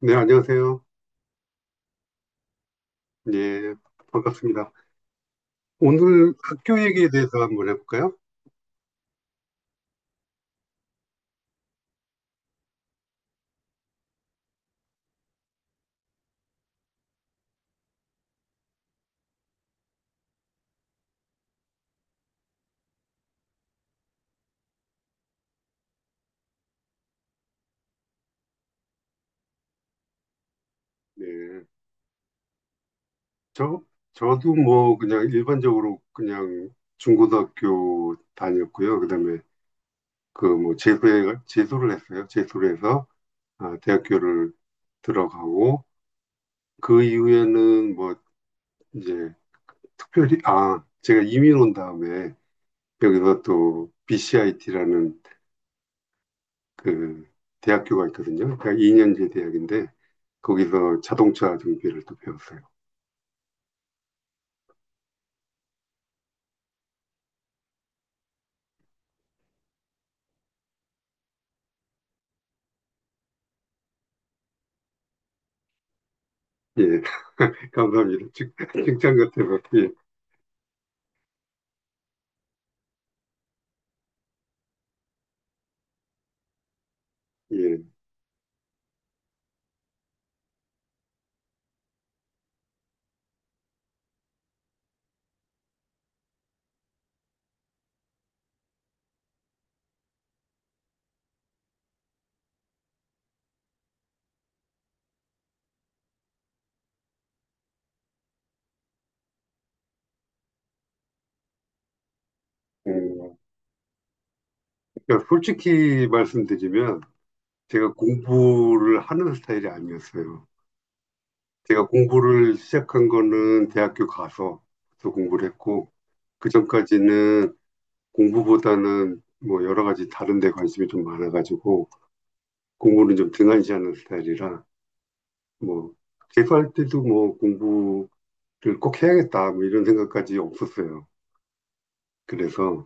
네, 안녕하세요. 네, 반갑습니다. 오늘 학교 얘기에 대해서 한번 해볼까요? 네, 저, 저도 뭐 그냥 일반적으로 그냥 중고등학교 다녔고요. 그다음에 그 뭐 재수를 했어요. 재수를 해서 아, 대학교를 들어가고 그 이후에는 뭐 이제 특별히, 아, 제가 이민 온 다음에 여기서 또 BCIT라는 그 대학교가 있거든요. 그러니까 2년제 대학인데 거기서 자동차 정비를 또 배웠어요. 예, 감사합니다. 칭찬 같아서. 예, 예. 음, 그러니까 솔직히 말씀드리면 제가 공부를 하는 스타일이 아니었어요. 제가 공부를 시작한 거는 대학교 가서 공부를 했고, 그 전까지는 공부보다는 뭐 여러 가지 다른 데 관심이 좀 많아가지고, 공부는 좀 등한시하는 스타일이라, 뭐, 재수할 때도 뭐 공부를 꼭 해야겠다, 뭐 이런 생각까지 없었어요. 그래서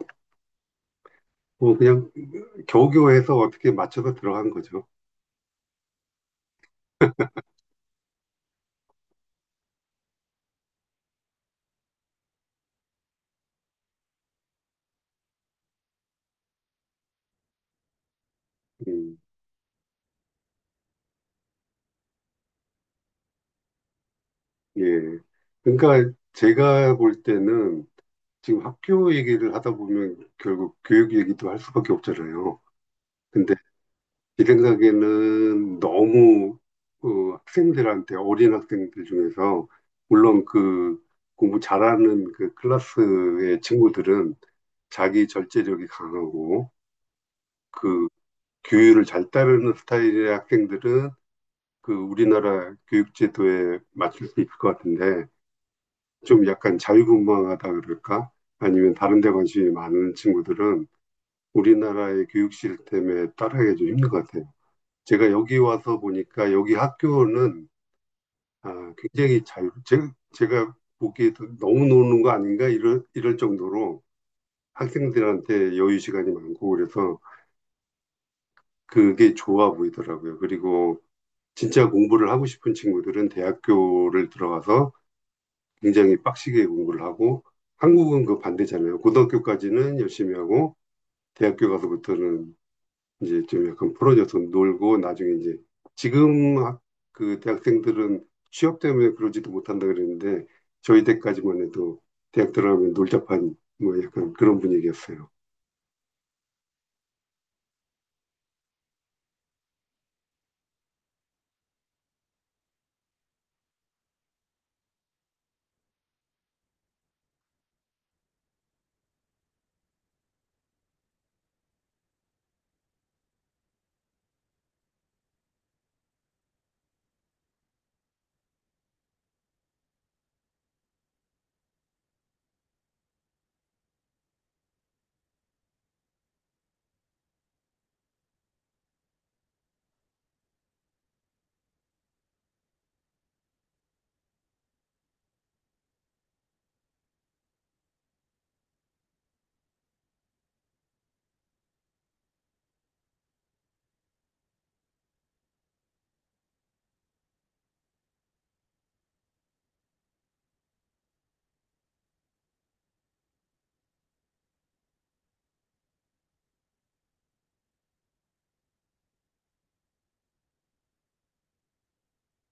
뭐 그냥 겨우겨우해서 어떻게 맞춰서 들어간 거죠. 음, 예. 그러니까 제가 볼 때는 지금 학교 얘기를 하다 보면 결국 교육 얘기도 할 수밖에 없잖아요. 근데 제 생각에는 너무 그 학생들한테 어린 학생들 중에서 물론 그 공부 잘하는 그 클래스의 친구들은 자기 절제력이 강하고 그 규율을 잘 따르는 스타일의 학생들은 그 우리나라 교육제도에 맞출 수 있을 것 같은데 좀 약간 자유분방하다 그럴까? 아니면 다른 데 관심이 많은 친구들은 우리나라의 교육 시스템에 따라가기 좀 힘든 것 같아요. 제가 여기 와서 보니까 여기 학교는 아, 굉장히 제가 보기에도 너무 노는 거 아닌가 이럴 정도로 학생들한테 여유 시간이 많고 그래서 그게 좋아 보이더라고요. 그리고 진짜 공부를 하고 싶은 친구들은 대학교를 들어가서 굉장히 빡시게 공부를 하고 한국은 그 반대잖아요. 고등학교까지는 열심히 하고 대학교 가서부터는 이제 좀 약간 풀어져서 놀고 나중에 이제 지금 그 대학생들은 취업 때문에 그러지도 못한다 그랬는데 저희 때까지만 해도 대학 들어가면 놀자판 뭐 약간 그런 분위기였어요.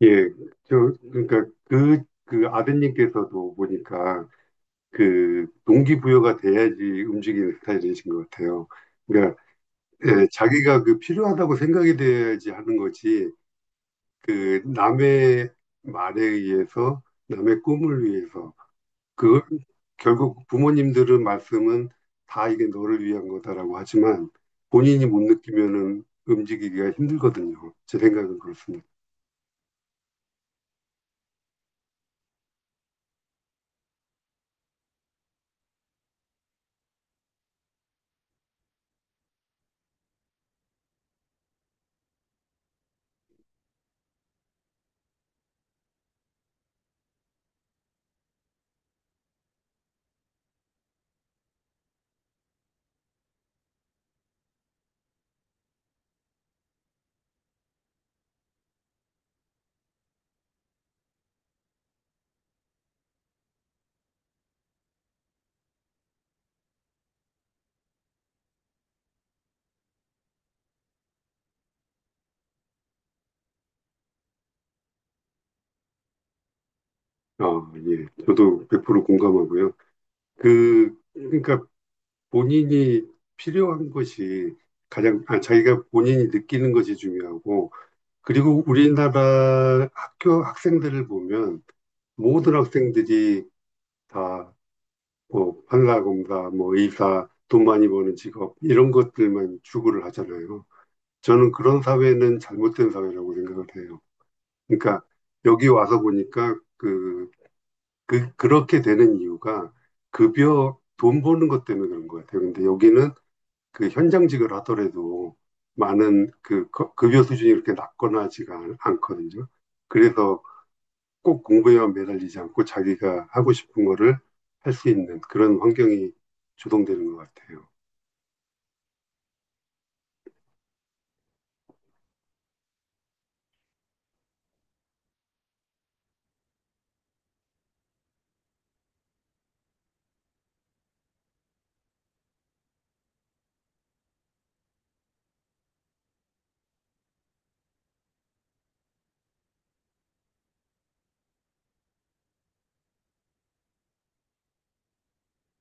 예, 저 그러니까 그 아드님께서도 보니까 그 동기부여가 돼야지 움직이는 스타일이신 것 같아요. 그러니까 예, 자기가 그 필요하다고 생각이 돼야지 하는 거지. 그 남의 말에 의해서, 남의 꿈을 위해서. 그 결국 부모님들은 말씀은 다 이게 너를 위한 거다라고 하지만 본인이 못 느끼면은 움직이기가 힘들거든요. 제 생각은 그렇습니다. 어, 예. 저도 100% 공감하고요. 그러니까 본인이 필요한 것이 가장, 아, 자기가 본인이 느끼는 것이 중요하고 그리고 우리나라 학교 학생들을 보면 모든 학생들이 다뭐 판사검사, 뭐 의사, 돈 많이 버는 직업 이런 것들만 추구를 하잖아요. 저는 그런 사회는 잘못된 사회라고 생각을 해요. 그러니까 여기 와서 보니까 그, 그 그렇게 되는 이유가 급여 돈 버는 것 때문에 그런 것 같아요. 근데 여기는 그 현장직을 하더라도 많은 그 급여 수준이 이렇게 낮거나 하지가 않거든요. 그래서 꼭 공부에만 매달리지 않고 자기가 하고 싶은 거를 할 수 있는 그런 환경이 조성되는 것 같아요.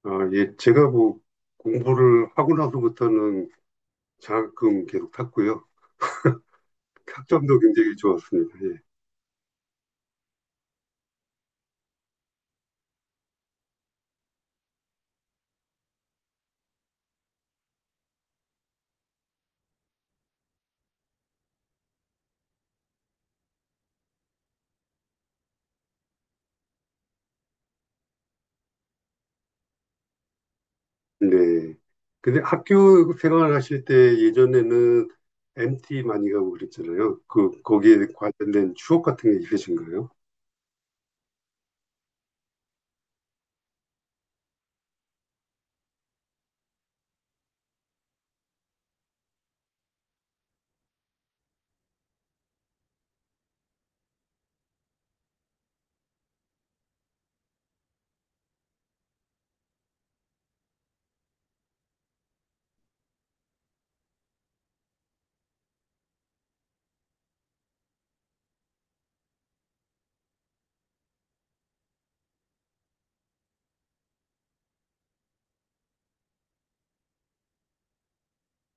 아, 예, 제가 뭐 공부를 하고 나서부터는 장학금 계속 탔고요. 학점도 굉장히 좋았습니다. 예. 네. 근데 학교 생활 하실 때 예전에는 MT 많이 가고 그랬잖아요. 그, 거기에 관련된 추억 같은 게 있으신가요?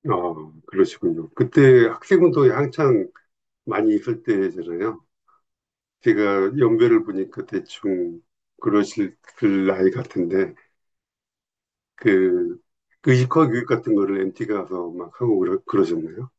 아, 그러시군요. 그때 학생운동이 한창 많이 있을 때잖아요. 제가 연배를 보니까 대충 그러실 그 나이 같은데 그 의식화 교육 같은 거를 MT 가서 막 하고 그러셨나요?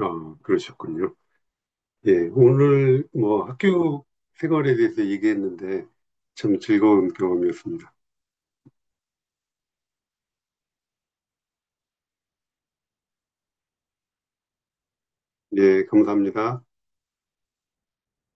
아, 그러셨군요. 예, 오늘 뭐 학교 생활에 대해서 얘기했는데 참 즐거운 경험이었습니다. 예, 감사합니다.